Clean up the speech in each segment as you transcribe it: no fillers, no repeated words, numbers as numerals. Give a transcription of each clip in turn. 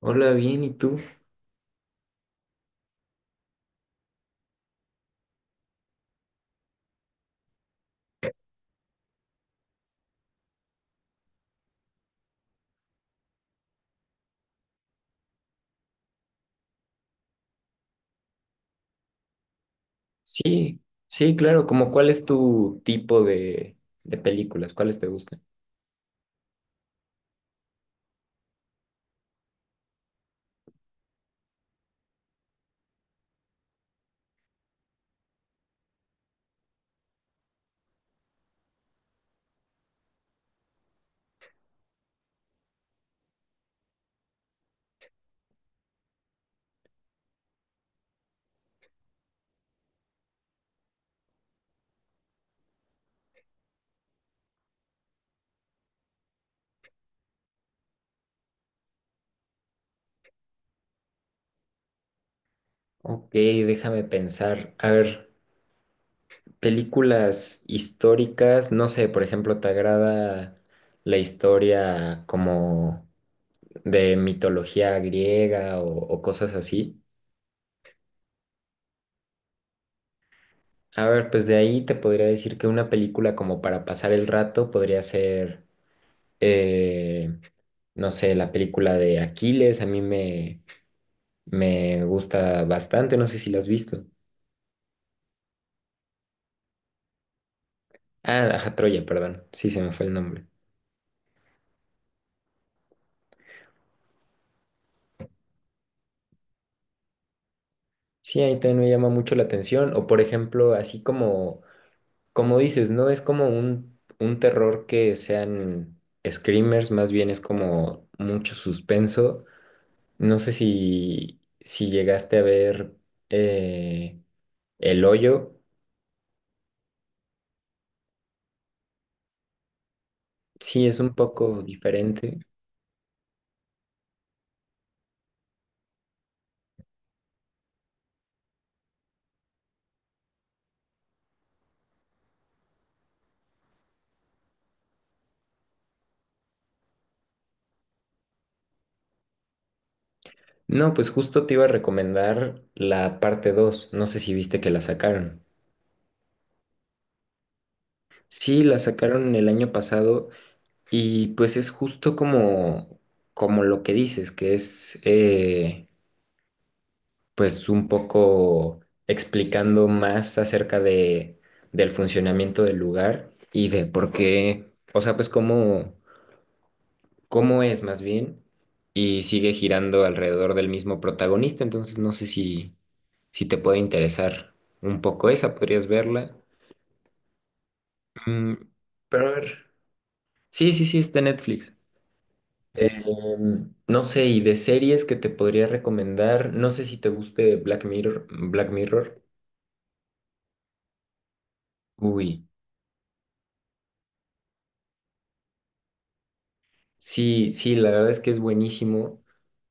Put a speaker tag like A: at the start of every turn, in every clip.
A: Hola, bien, ¿y tú? Sí, sí, claro, como cuál es tu tipo de películas, ¿cuáles te gustan? Ok, déjame pensar. A ver, películas históricas, no sé, por ejemplo, ¿te agrada la historia como de mitología griega o cosas así? A ver, pues de ahí te podría decir que una película como para pasar el rato podría ser, eh, no sé, la película de Aquiles, a mí me... Me gusta bastante, no sé si la has visto. Ah, ajá, Troya, perdón. Sí, se me fue el nombre. Sí, ahí también me llama mucho la atención. O por ejemplo, así como dices, no es como un terror que sean screamers, más bien es como mucho suspenso. No sé si llegaste a ver eh, El Hoyo. Sí, es un poco diferente. No, pues justo te iba a recomendar la parte dos. No sé si viste que la sacaron. Sí, la sacaron el año pasado y pues es justo como lo que dices, que es pues un poco explicando más acerca del funcionamiento del lugar y de por qué, o sea, pues cómo es más bien y sigue girando alrededor del mismo protagonista, entonces no sé si te puede interesar un poco esa, podrías verla. Mm, pero a ver, sí, sí, sí, está en Netflix. No sé, y de series que te podría recomendar, no sé si te guste Black Mirror, Black Mirror. Uy, sí, sí, la verdad es que es buenísimo.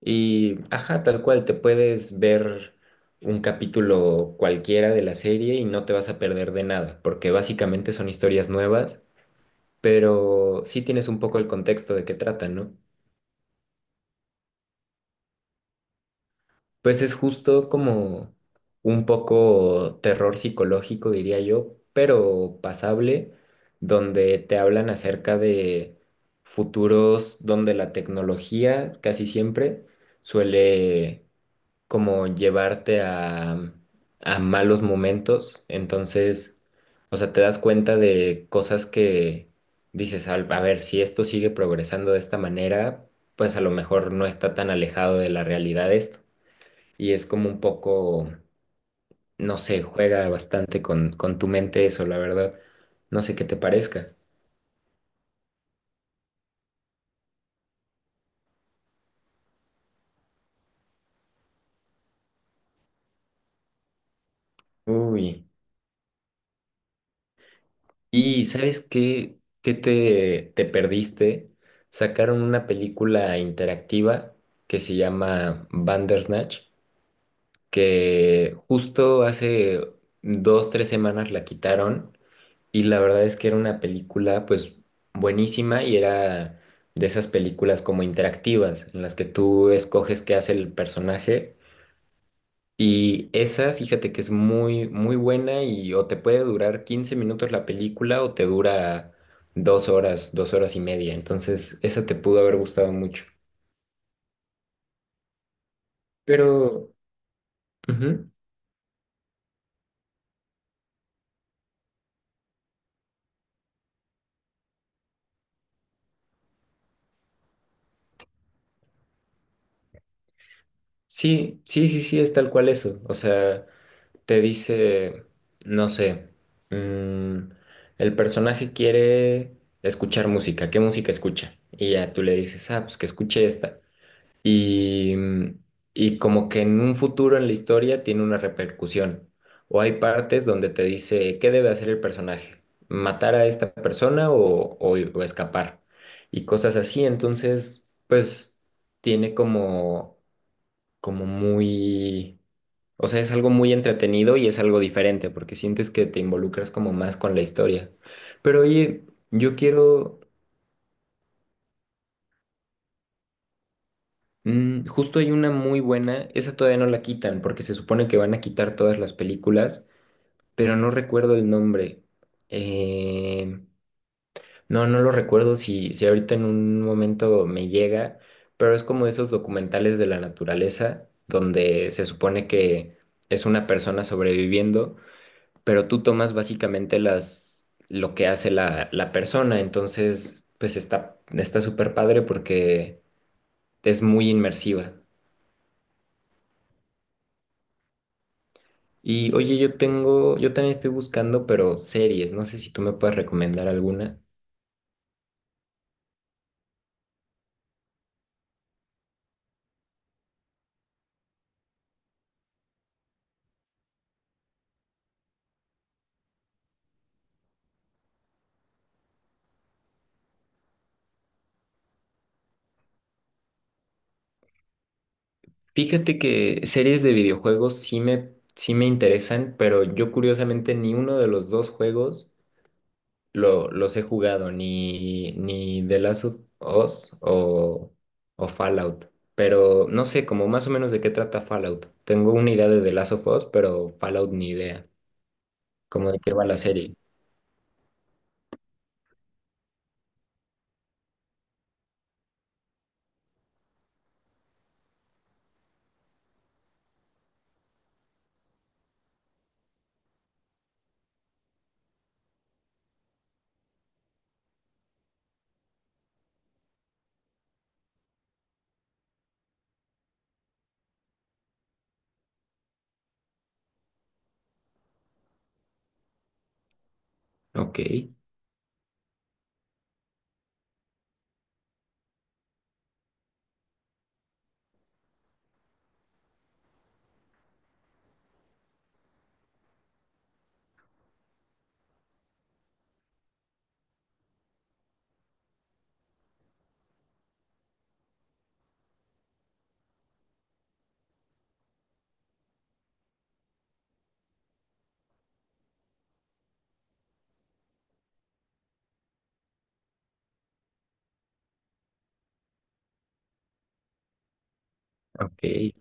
A: Y, ajá, tal cual, te puedes ver un capítulo cualquiera de la serie y no te vas a perder de nada, porque básicamente son historias nuevas, pero sí tienes un poco el contexto de qué tratan, ¿no? Pues es justo como un poco terror psicológico, diría yo, pero pasable, donde te hablan acerca de futuros donde la tecnología casi siempre suele como llevarte a malos momentos. Entonces, o sea, te das cuenta de cosas que dices, A ver, si esto sigue progresando de esta manera, pues a lo mejor no está tan alejado de la realidad esto y es como un poco, no sé, juega bastante con tu mente eso, la verdad. No sé qué te parezca. Uy, ¿y sabes qué, qué te perdiste? Sacaron una película interactiva que se llama Bandersnatch, que justo hace 2, 3 semanas la quitaron. Y la verdad es que era una película pues buenísima y era de esas películas como interactivas en las que tú escoges qué hace el personaje. Y esa, fíjate que es muy, muy buena y o te puede durar 15 minutos la película o te dura 2 horas, 2 horas y media. Entonces, esa te pudo haber gustado mucho. Pero, ujú, sí, sí, sí, sí, es tal cual eso. O sea, te dice, no sé, mm, el personaje quiere escuchar música, ¿qué música escucha? Y ya tú le dices, ah, pues que escuche esta. Y, mm, y como que en un futuro en la historia tiene una repercusión. O hay partes donde te dice, ¿qué debe hacer el personaje? ¿Matar a esta persona o escapar? Y cosas así, entonces, pues tiene como muy... O sea, es algo muy entretenido y es algo diferente porque sientes que te involucras como más con la historia. Pero oye, yo quiero, justo hay una muy buena, esa todavía no la quitan porque se supone que van a quitar todas las películas, pero no recuerdo el nombre. Eh, no, no lo recuerdo si ahorita en un momento me llega, pero es como esos documentales de la naturaleza donde se supone que es una persona sobreviviendo pero tú tomas básicamente lo que hace la persona, entonces pues está súper padre porque es muy inmersiva. Y oye, yo también estoy buscando, pero series, no sé si tú me puedes recomendar alguna. Fíjate que series de videojuegos sí me interesan, pero yo curiosamente ni uno de los dos juegos los he jugado, ni The Last of Us o Fallout. Pero no sé, como más o menos de qué trata Fallout. Tengo una idea de The Last of Us, pero Fallout ni idea. Como de qué va la serie. Ok, ok,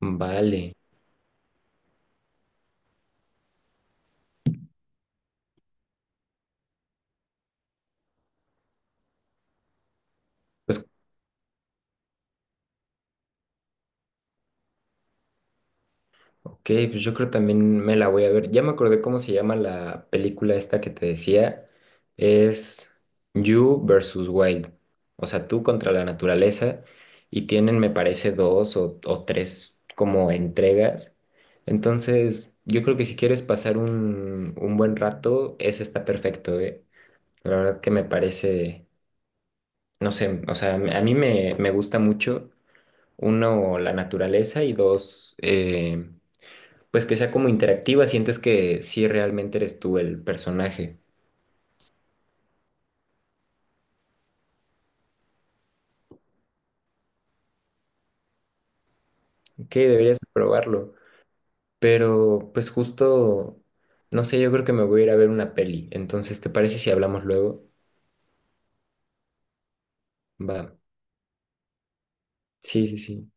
A: vale. Pues ok, pues yo creo también me la voy a ver. Ya me acordé cómo se llama la película esta que te decía. Es You versus Wild. O sea, tú contra la naturaleza. Y tienen, me parece, dos o tres como entregas. Entonces, yo creo que si quieres pasar un buen rato, ese está perfecto, ¿eh? La verdad que me parece, no sé, o sea, a mí me gusta mucho, uno, la naturaleza y dos, pues que sea como interactiva, sientes que sí realmente eres tú el personaje. Ok, deberías probarlo. Pero pues justo, no sé, yo creo que me voy a ir a ver una peli. Entonces, ¿te parece si hablamos luego? Va. Sí, sí, sí.